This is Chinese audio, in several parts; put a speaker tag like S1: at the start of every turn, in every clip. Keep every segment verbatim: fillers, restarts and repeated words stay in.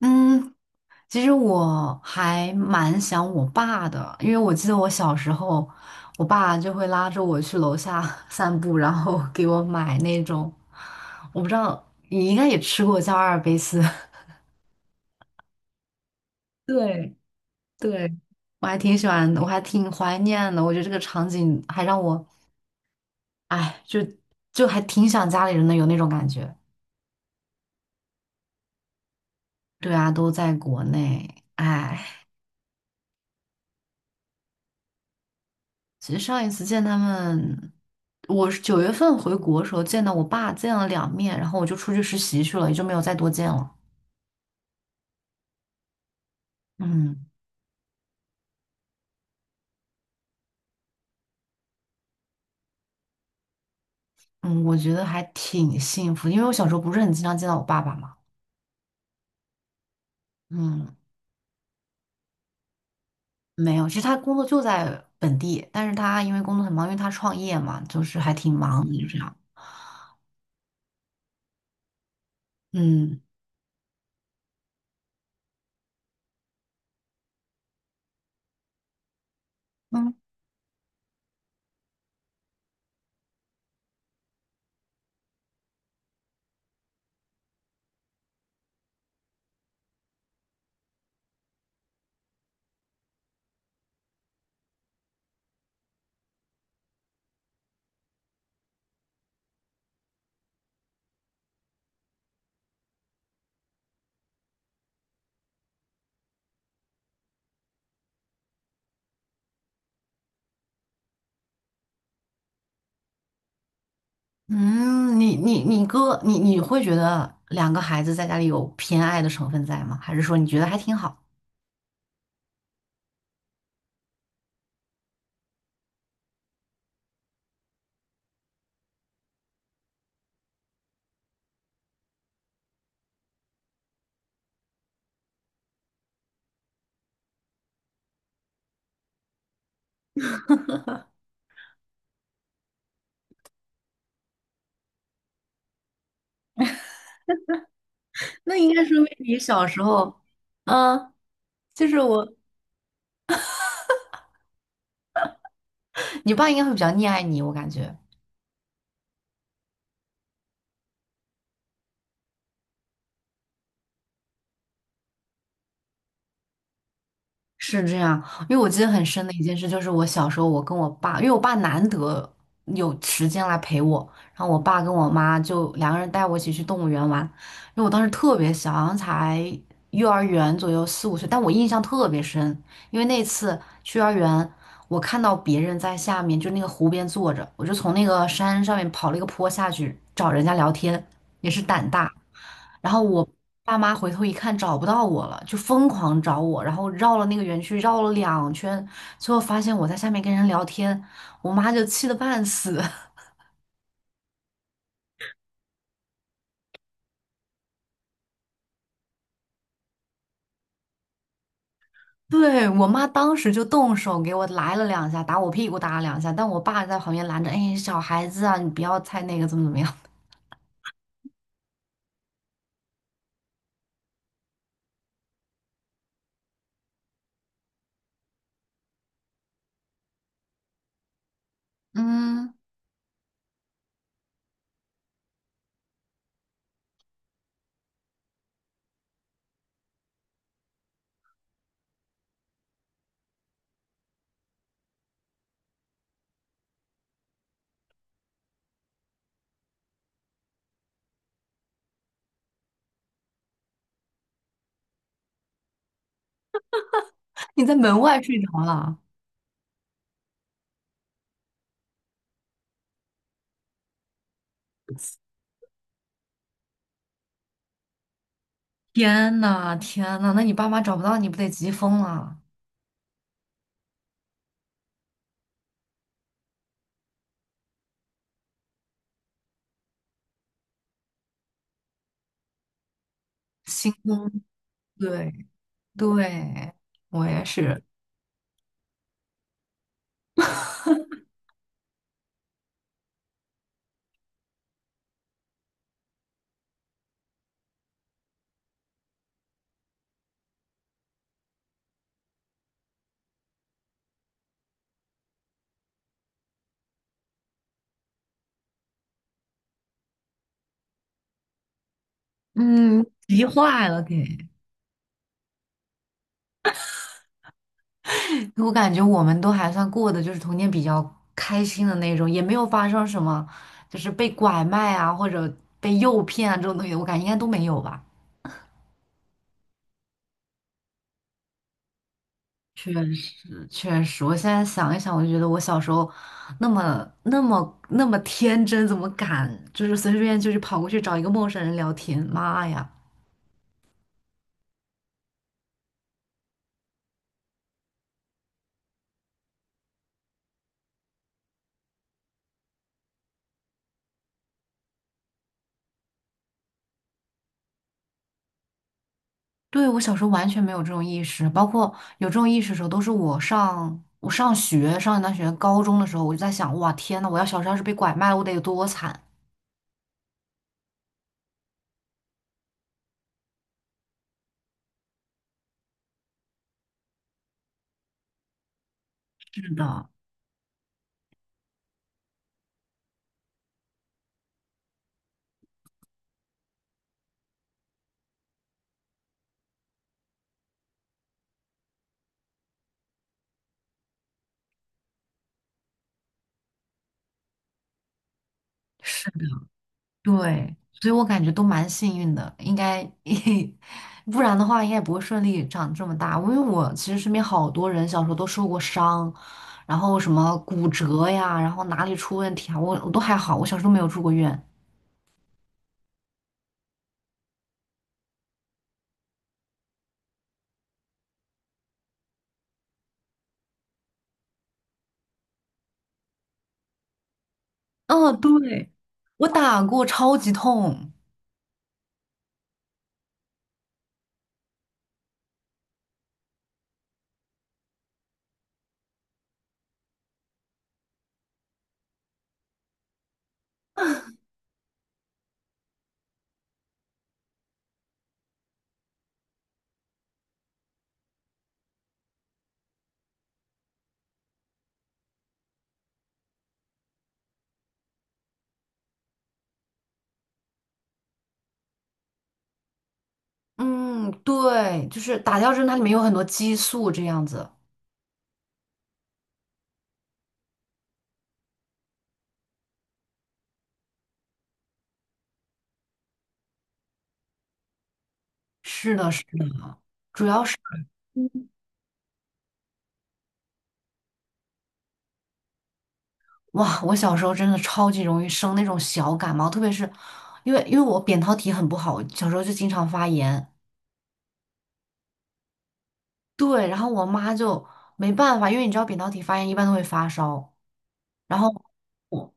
S1: 嗯，其实我还蛮想我爸的，因为我记得我小时候，我爸就会拉着我去楼下 散步，然后 给我买那种，我不知道你应该也吃过叫阿尔卑斯，对对，我还挺喜欢的，我还挺怀念的。我觉得这个场景还让我，哎，就就还挺想家里人的，有那种感觉。对啊，都在国内，哎。其实上一次见他们，我是九月份回国的时候见到我爸，见了两面，然后我就出去实习去了，也就没有再多见了。嗯嗯，我觉得还挺幸福的因为我小时候不是很经常见到我爸爸嘛。嗯，没有，其实他工作就在本地，但是他因为工作很忙，因为他创业嘛，就是还挺忙的，就这样。嗯嗯嗯，你你你哥，你你会觉得两个孩子在家里有偏爱的成分在吗？还是说你觉得还挺好？那应该说明你小时候，嗯，就是我，你爸应该会比较溺爱你，我感觉是这样。因为我记得很深的一件事，就是我小时候，我跟我爸，因为我爸难得有时间来陪我，然后我爸跟我妈就两个人带我一起去动物园玩。因为我当时特别小，好像才幼儿园左右，四五岁，但我印象特别深，因为那次去幼儿园。我看到别人在下面，就那个湖边坐着，我就从那个山上面跑了一个坡下去找人家聊天，也是胆大。然后我爸妈回头一看找不到我了，就疯狂找我，然后绕了那个园区绕了两圈，最后发现我在下面跟人聊天，我妈就气得半死。对，我妈当时就动手给我来了两下，打我屁股打了两下，但我爸在旁边拦着，哎，小孩子啊，你不要太那个，怎么怎么样？嗯，你在门外睡着了。天呐，天呐，那你爸妈找不到你不得急疯了？心疯，对对，我也是，嗯，急坏了给。我感觉我们都还算过的，就是童年比较开心的那种，也没有发生什么，就是被拐卖啊或者被诱骗啊这种东西，我感觉应该都没有吧。确实，确实，我现在想一想，我就觉得我小时候那么、那么、那么天真，怎么敢就是随随便便就去跑过去找一个陌生人聊天？妈呀！对，我小时候完全没有这种意识，包括有这种意识的时候，都是我上我上学上一段学高中的时候，我就在想，哇，天呐，我要小时候要是被拐卖了，我得有多惨！是。对，所以我感觉都蛮幸运的，应该，不然的话应该也不会顺利长这么大。因为我其实身边好多人小时候都受过伤，然后什么骨折呀，然后哪里出问题啊，我我都还好，我小时候都没有住过院。嗯，对，我打过，超级痛。嗯，对，就是打吊针，它里面有很多激素，这样子。是的，是的。哇，我小时候真的超级容易生那种小感冒，特别是因为因为我扁桃体很不好，小时候就经常发炎。对，然后我妈就没办法，因为你知道扁桃体发炎一般都会发烧，然后我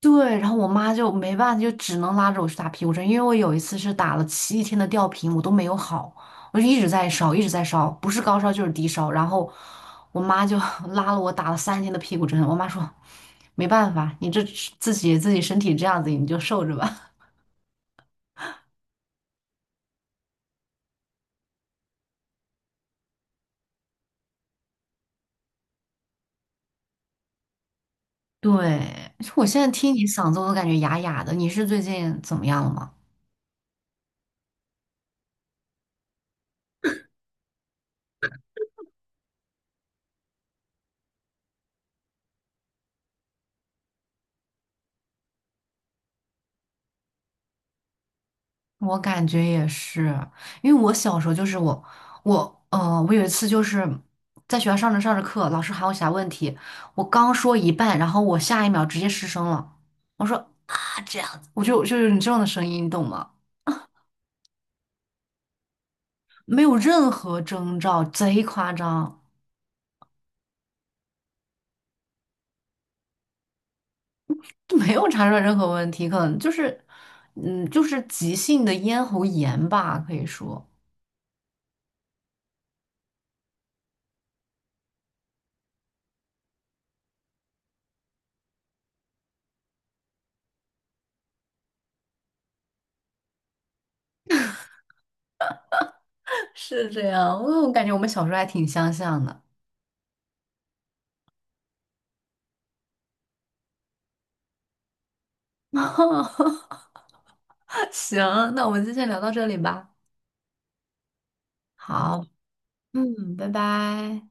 S1: 对，然后我妈就没办法，就只能拉着我去打屁股针，因为我有一次是打了七天的吊瓶，我都没有好，我就一直在烧，一直在烧，不是高烧就是低烧，然后我妈就 拉了我打了三天的屁股针，我妈说没办法，你这自己自己身体这样子，你就受着吧。对，我现在听你嗓子，我都感觉哑哑的。你是最近怎么样了吗？我感觉也是，因为我小时候就是我，我，呃，我有一次就是在学校上着上着课，老师喊我写问题，我刚说一半，然后我下一秒直接失声了，我说啊这样子，我就就是你这样的声音，你懂吗？没有任何征兆，贼夸张，就没有查出来任何问题，可能就是，嗯，就是急性的咽喉炎吧，可以说。是这样，我我感觉我们小时候还挺相像的。行，那我们今天聊到这里吧。好，嗯，拜拜。